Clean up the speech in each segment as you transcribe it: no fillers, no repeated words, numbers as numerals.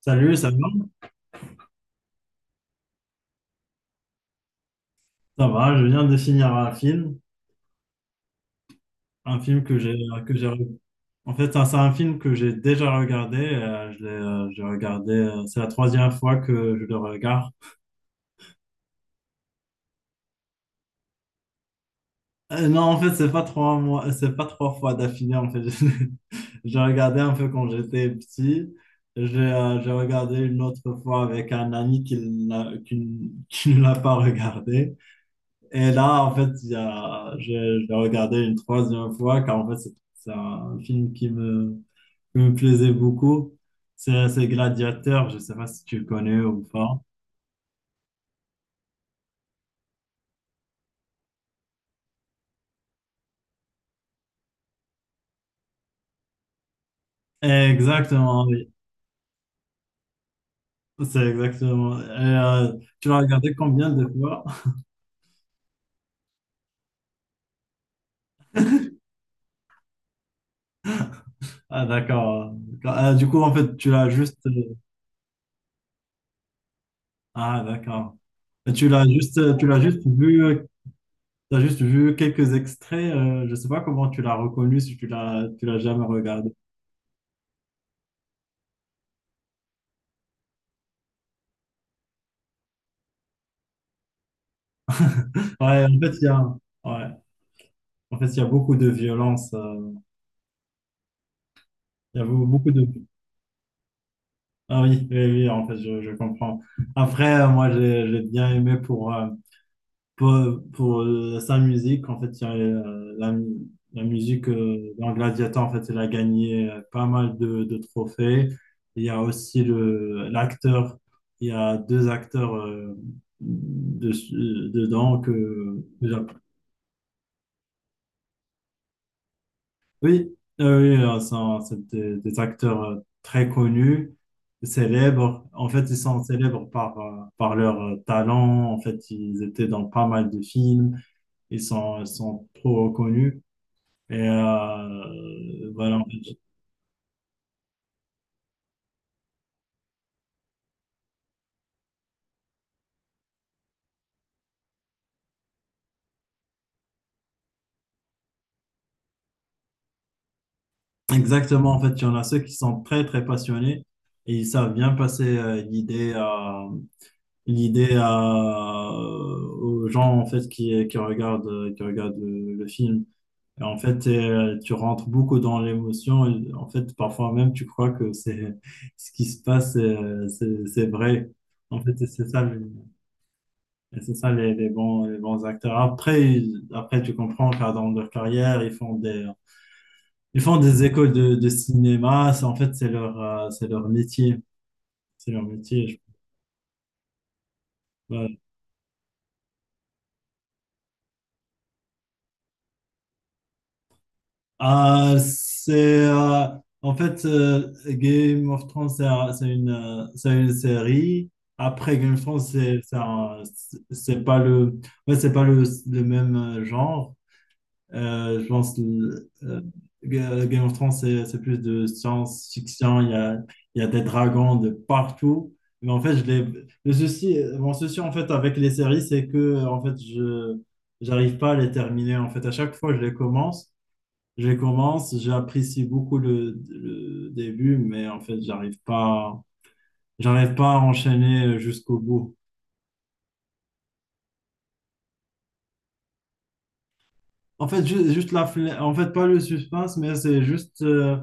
Salut, ça va? Ça va, je viens de finir un film que j'ai en fait ça, c'est un film que j'ai déjà regardé, je l'ai j'ai regardé, c'est la troisième fois que je le regarde. Non, en fait, c'est pas trois mois, c'est pas trois fois d'affilée en fait. J'ai regardé un peu quand j'étais petit. J'ai regardé une autre fois avec un ami qui ne l'a pas regardé. Et là, en fait, je l'ai regardé une troisième fois, car en fait, c'est un film qui me plaisait beaucoup. C'est Gladiateur, je ne sais pas si tu le connais ou pas. Exactement, oui. C'est exactement. Et, tu l'as regardé combien de fois? Ah, d'accord. Ah, du coup, en fait, tu l'as juste. Ah, d'accord. Et tu l'as juste, tu l'as juste t'as juste vu quelques extraits. Je sais pas comment tu l'as reconnu si tu l'as jamais regardé. Ouais, en fait, ouais. En fait, il y a beaucoup de violence. Il y a beau- beaucoup de... Ah oui, oui, oui, en fait, je comprends. Après, moi, j'ai bien aimé pour, pour, sa musique. En fait, il y a, la musique dans Gladiator, en fait, il a gagné pas mal de trophées. Il y a aussi l'acteur. Il y a deux acteurs dedans que oui, c'est des acteurs très connus, célèbres. En fait, ils sont célèbres par, par leur talent. En fait, ils étaient dans pas mal de films. Ils sont trop connus. Et voilà, en fait, exactement. En fait, il y en a ceux qui sont très passionnés et ils savent bien passer l'idée à, aux gens en fait, qui regardent le film. Et en fait, tu rentres beaucoup dans l'émotion. Et en fait, parfois même, tu crois que c'est ce qui se passe, c'est vrai. En fait, et c'est ça, le- Et c'est ça les bons acteurs. Après, après, tu comprends car dans leur carrière, ils font des écoles de cinéma. En fait, c'est leur métier. C'est leur métier. Ah, c'est euh, en fait Game of Thrones, c'est une série. Après Game of Thrones, c'est pas le ouais, c'est pas le même genre. Je pense le- Ga- Game of Thrones, c'est plus de science-fiction. Il y a des dragons de partout. Mais en fait, je l'ai le souci, mon souci en fait avec les séries, c'est que en fait je j'arrive pas à les terminer. En fait, à chaque fois, je les commence. Je commence, j'apprécie beaucoup le début, mais en fait, j'arrive pas à enchaîner jusqu'au bout. En fait, juste la flemme, en fait, pas le suspense, mais euh,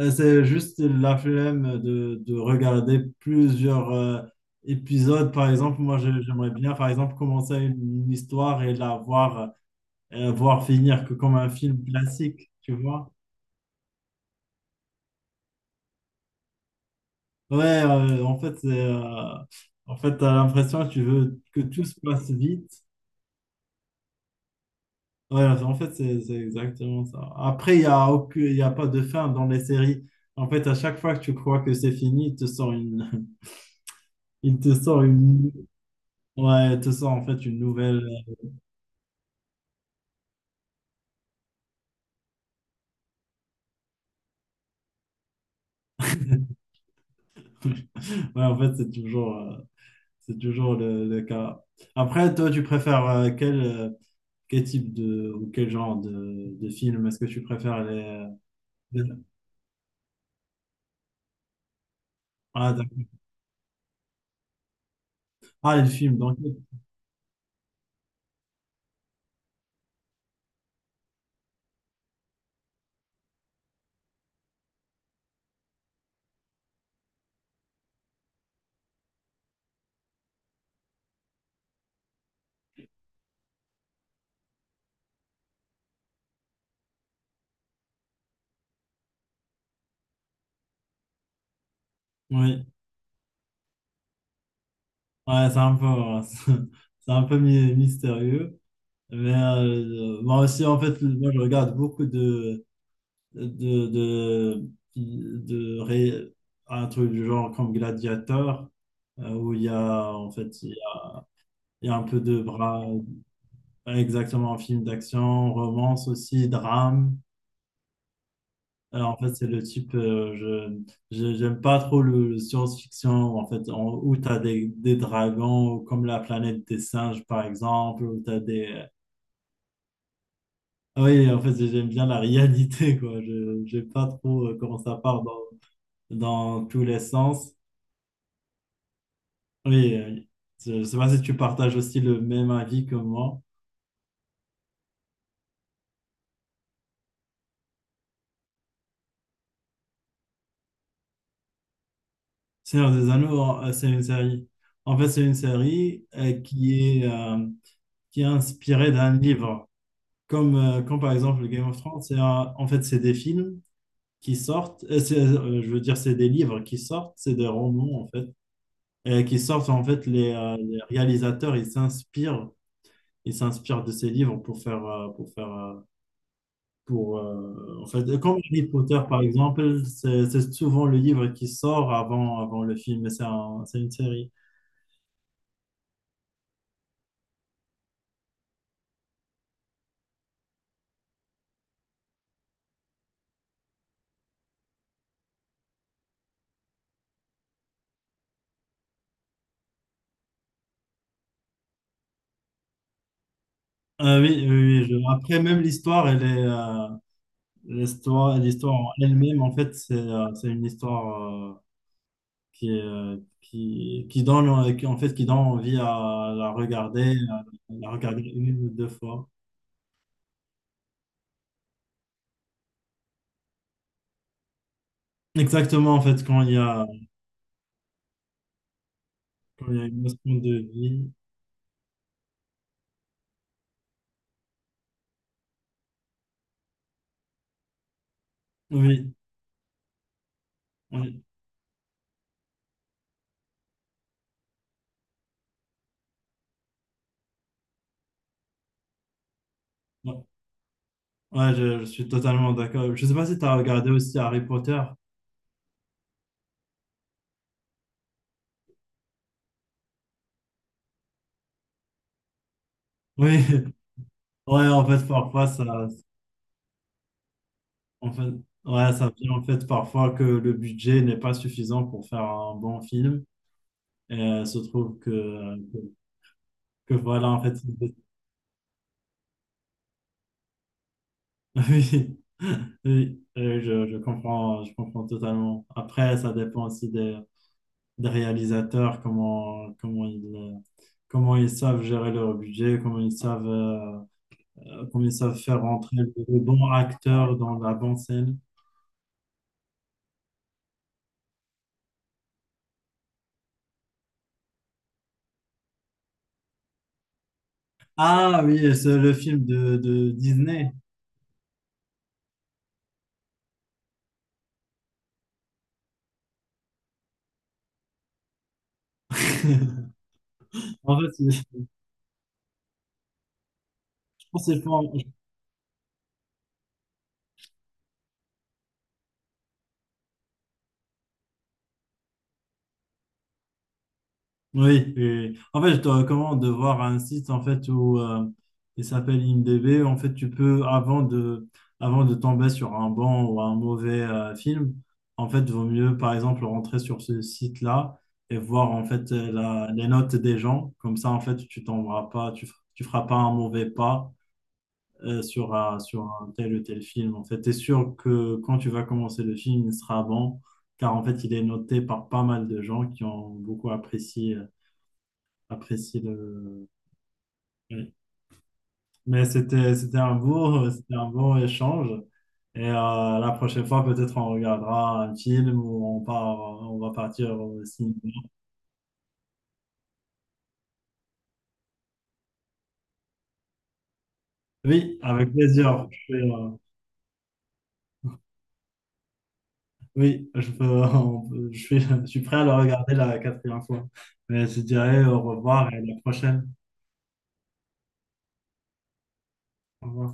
euh, c'est juste la flemme de regarder plusieurs épisodes. Par exemple, moi, j'aimerais bien, par exemple, commencer une histoire et la voir, voir finir que comme un film classique, tu vois? Ouais, en fait, c'est, en fait, t'as l'impression que tu veux que tout se passe vite. Ouais, en fait, c'est exactement ça. Après, il y a pas de fin dans les séries. En fait, à chaque fois que tu crois que c'est fini, il te sort une... il te sort une... Ouais, il te sort en fait une nouvelle... Ouais, en fait, c'est toujours le cas. Après, toi, tu préfères quel type de... ou quel genre de film? Est-ce que tu préfères les- Ah, d'accord. Ah, les films, donc... Oui. Ouais, c'est un peu... C'est un peu mi- mystérieux. Mais moi aussi, en fait, moi, je regarde beaucoup de, de, de un truc du genre comme Gladiator, où il y a, en fait, il y a un peu de bras, exactement, un film d'action, romance aussi, drame. En fait, c'est le type, j'aime pas trop le science-fiction, en fait, où tu as des dragons, comme la planète des singes, par exemple, où tu as des, oui, en fait, j'aime bien la réalité, quoi. Je n'aime pas trop comment ça part dans tous les sens. Oui, je ne sais pas si tu partages aussi le même avis que moi. Seigneur des Anneaux, c'est une série. En fait, c'est une série est, euh, qui est inspirée d'un livre. Comme, comme par exemple Game of Thrones, en fait, c'est des films qui sortent. Je veux dire, c'est des livres qui sortent, c'est des romans, en fait, qui sortent. En fait, les réalisateurs, ils s'inspirent il s'inspire de ses livres pour faire, en fait, comme Harry Potter, par exemple, c'est souvent le livre qui sort avant le film, mais c'est une série. Ah oui, oui, oui, je- Après, même l'histoire, elle est, l'histoire, l'histoire en elle-même, en fait, c'est une histoire euh, qui donne, en fait, qui donne envie à la regarder une ou deux fois. Exactement, en fait, quand il y a une notion de vie. Oui, oui. Ouais, ouais, je suis totalement d'accord. Je sais pas si tu as regardé aussi Harry Potter. Oui, ouais, en fait, parfois, ça, en fait, ouais, ça vient en fait parfois que le budget n'est pas suffisant pour faire un bon film. Et se trouve que, que voilà, en fait, oui, oui, je comprends totalement. Après, ça dépend aussi des réalisateurs, comment ils savent gérer leur budget, comment ils savent faire rentrer le bon acteur dans la bonne scène. Ah oui, c'est le film de Disney. En fait, je pense qu'ils font, oui, et en fait, je te recommande de voir un site en fait où il s'appelle IMDb. En fait, tu peux avant de tomber sur un bon ou un mauvais film, en fait, vaut mieux par exemple rentrer sur ce site-là et voir en fait les notes des gens. Comme ça, en fait, tu tomberas pas, tu feras pas un mauvais pas sur un, sur un tel ou tel film. En fait, t'es sûr que quand tu vas commencer le film, il sera bon, car en fait, il est noté par pas mal de gens qui ont beaucoup apprécié. Apprécie le. Oui. Mais c'était un beau échange. Et la prochaine fois, peut-être on regardera un film ou on part, on va partir au cinéma. Oui, avec plaisir. Je suis, oui, je peux, on peut- je suis prêt à le regarder la quatrième fois. Mais je dirais au revoir et à la prochaine. Au revoir.